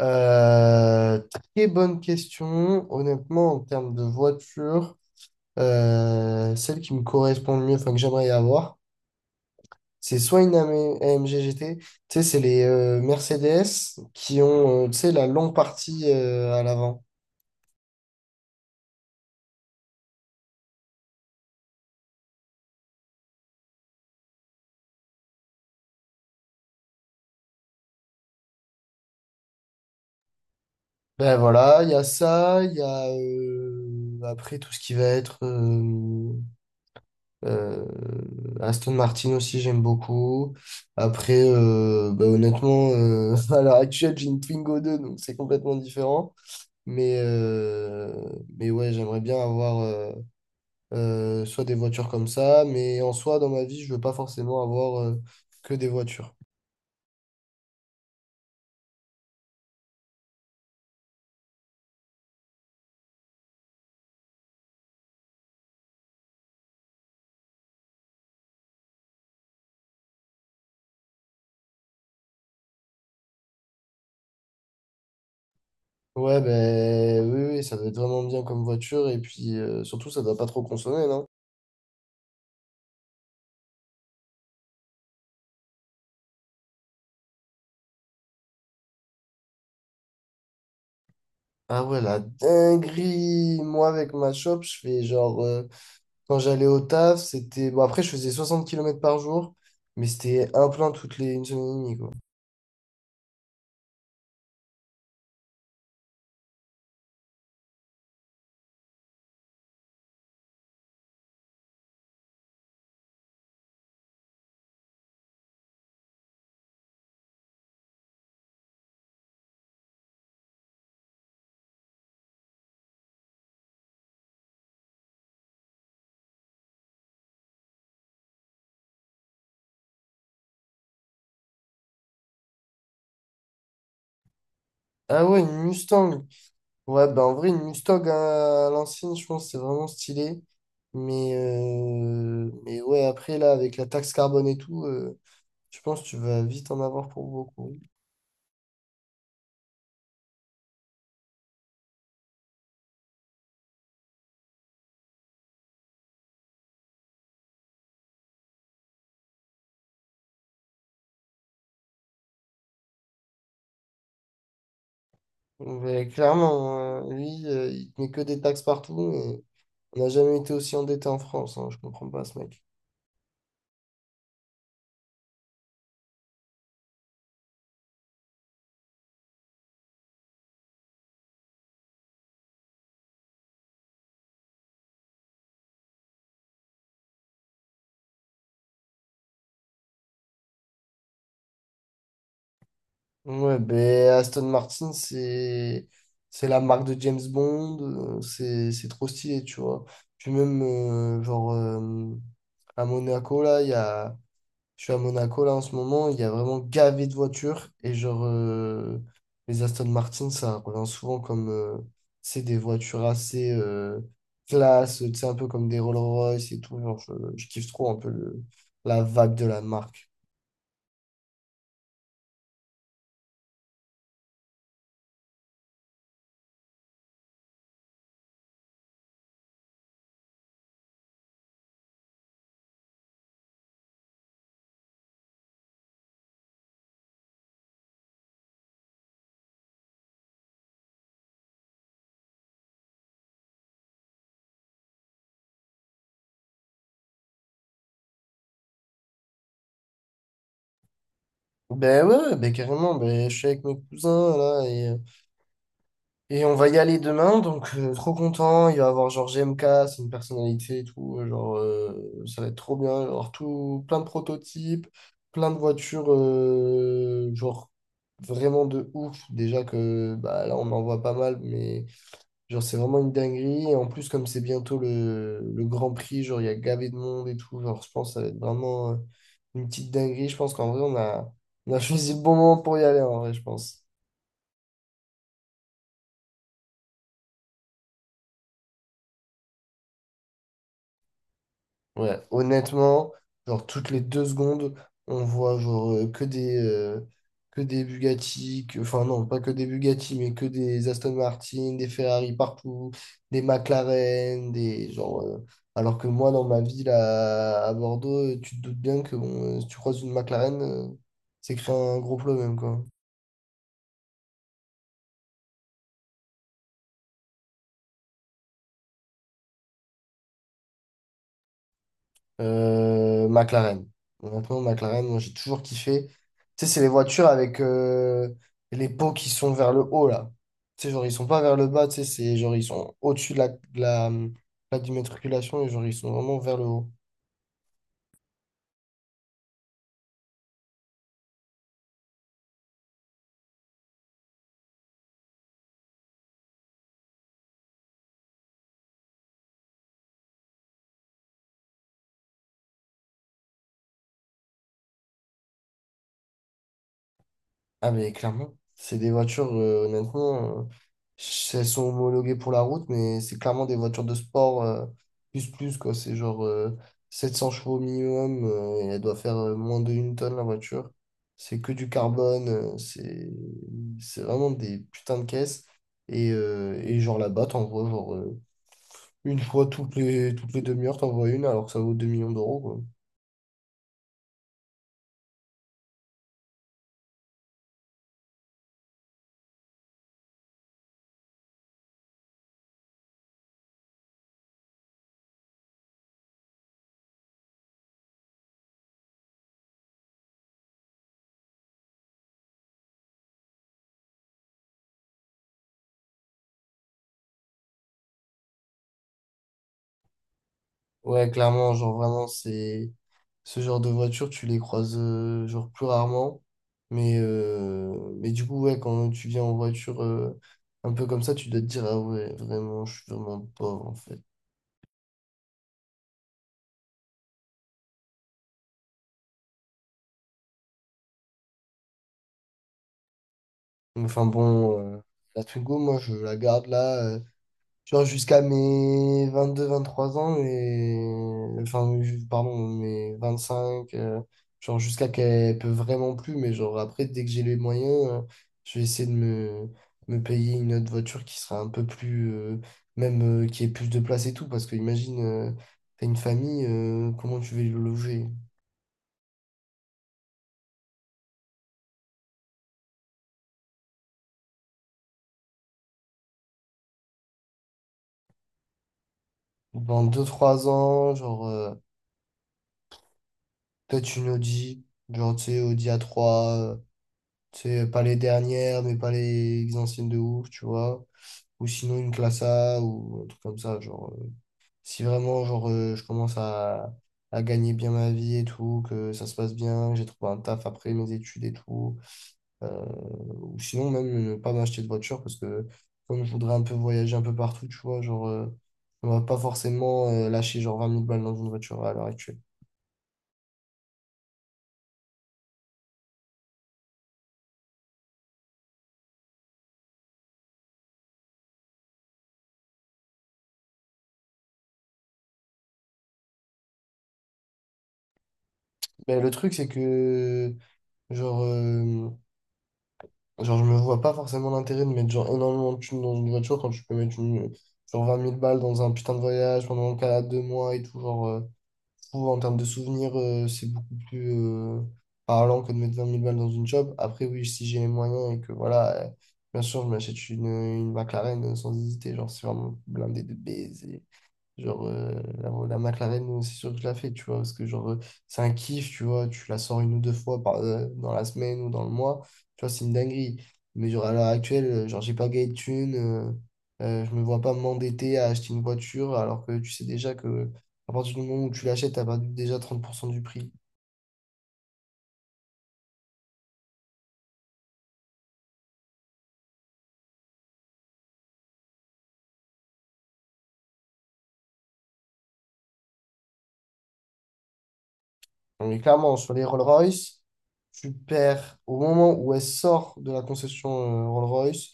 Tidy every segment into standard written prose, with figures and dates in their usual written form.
Euh, Très bonne question. Honnêtement, en termes de voiture, celle qui me correspond le mieux, enfin que j'aimerais avoir, c'est soit une AMG GT, tu sais, c'est les Mercedes qui ont, tu sais, la longue partie à l'avant. Ben voilà, il y a ça, il y a après tout ce qui va être Euh, Aston Martin aussi, j'aime beaucoup. Après, bah, honnêtement, à l'heure actuelle, j'ai une Twingo deux, donc c'est complètement différent. Mais, euh, mais ouais, j'aimerais bien avoir soit des voitures comme ça, mais en soi, dans ma vie, je veux pas forcément avoir que des voitures. Ouais, ben oui, oui, ça doit être vraiment bien comme voiture, et puis surtout, ça doit pas trop consommer, non? Ah ouais, la dinguerie! Moi, avec ma shop, je fais quand j'allais au taf, c'était... Bon, après, je faisais 60 km par jour, mais c'était un plein toutes les une semaine et demie, quoi. Ah ouais, une Mustang. Ouais, bah en vrai, une Mustang à l'ancienne, je pense, que c'est vraiment stylé. Mais ouais, après, là, avec la taxe carbone et tout, je pense que tu vas vite en avoir pour beaucoup. Mais clairement, hein, lui, il te met que des taxes partout, et on n'a jamais été aussi endetté en France, hein, je comprends pas ce mec. Ouais, ben Aston Martin, c'est la marque de James Bond, c'est trop stylé, tu vois. Puis même, à Monaco, là, il y a... je suis à Monaco, là, en ce moment, il y a vraiment gavé de voitures. Et genre, les Aston Martin, ça revient souvent comme, c'est des voitures assez classe, tu sais, un peu comme des Rolls-Royce et tout. Genre, je kiffe trop un peu la vague de la marque. Ben ouais, ouais, ben carrément, ben je suis avec mes cousins là, et on va y aller demain, donc trop content. Il va y avoir genre GMK, c'est une personnalité et tout. Genre, ça va être trop bien. Il va y avoir tout, plein de prototypes, plein de voitures, genre vraiment de ouf. Déjà que bah, là, on en voit pas mal, mais genre, c'est vraiment une dinguerie. Et en plus, comme c'est bientôt le Grand Prix, genre, il y a gavé de monde et tout. Genre, je pense que ça va être vraiment une petite dinguerie. Je pense qu'en vrai, on a choisi le bon moment pour y aller, en vrai, je pense. Ouais, honnêtement, genre toutes les deux secondes, on voit que des Bugatti, enfin non, pas que des Bugatti, mais que des Aston Martin, des Ferrari partout, des McLaren, des alors que moi dans ma ville à Bordeaux, tu te doutes bien que bon, si tu croises une McLaren, c'est créer un gros problème quoi. McLaren. Honnêtement, McLaren, moi j'ai toujours kiffé. Tu sais, c'est les voitures avec les pots qui sont vers le haut là. Tu sais, genre ils sont pas vers le bas, tu sais, c'est genre ils sont au-dessus de la d'immatriculation et genre ils sont vraiment vers le haut. Ah mais clairement, c'est des voitures, honnêtement, elles sont homologuées pour la route, mais c'est clairement des voitures de sport plus plus quoi. C'est 700 chevaux minimum et elle doit faire moins de une tonne la voiture. C'est que du carbone, c'est vraiment des putains de caisses. Et genre là-bas, t'envoies une fois toutes les demi-heures, t'envoies une alors que ça vaut 2 millions d'euros. Ouais, clairement, genre vraiment, c'est ce genre de voiture, tu les croises genre plus rarement. Mais du coup, ouais, quand tu viens en voiture un peu comme ça, tu dois te dire, ah ouais, vraiment, je suis vraiment pauvre en fait. Enfin bon, la Twingo, moi, je la garde là. Genre jusqu'à mes 22, 23 ans, mais... Enfin, pardon, mes 25, genre jusqu'à qu'elle peut vraiment plus, mais genre après, dès que j'ai les moyens, je vais essayer de me payer une autre voiture qui sera un peu plus... même qui ait plus de place et tout, parce que imagine, t'as une famille, comment tu vas le loger? Dans deux trois ans, peut-être une Audi, genre, tu sais, Audi a trois euh, tu sais, pas les dernières, mais pas les anciennes de ouf, tu vois. Ou sinon une classe A ou un truc comme ça. Si vraiment je commence à gagner bien ma vie et tout, que ça se passe bien, que j'ai trouvé un taf après mes études et tout, euh, ou sinon même ne pas m'acheter de voiture parce que comme je voudrais un peu voyager un peu partout, tu vois, on va pas forcément lâcher genre 20 000 balles dans une voiture à l'heure actuelle. Mais le truc, c'est que genre, euh, je me vois pas forcément l'intérêt de mettre genre énormément de thunes dans une voiture quand tu peux mettre genre 20 000 balles dans un putain de voyage pendant le cas deux mois et tout. Genre, je trouve en termes de souvenirs, c'est beaucoup plus parlant que de mettre 20 000 balles dans une job. Après, oui, si j'ai les moyens et que voilà, bien sûr, je m'achète une McLaren sans hésiter. Genre, c'est vraiment blindé de baiser. Genre, euh, la, la McLaren, c'est sûr que je la fais, tu vois, parce que c'est un kiff, tu vois, tu la sors une ou deux fois par, dans la semaine ou dans le mois, tu vois, c'est une dinguerie. Mais genre, à l'heure actuelle, j'ai pas gagné de thunes, je me vois pas m'endetter à acheter une voiture, alors que tu sais déjà que à partir du moment où tu l'achètes, t'as perdu déjà 30% du prix. Non, mais clairement, sur les Rolls-Royce, tu perds au moment où elle sort de la concession Rolls-Royce,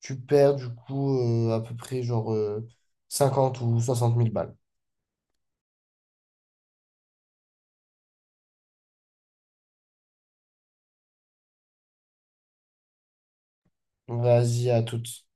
tu perds du coup à peu près 50 ou 60 000 balles. Vas-y, à toutes.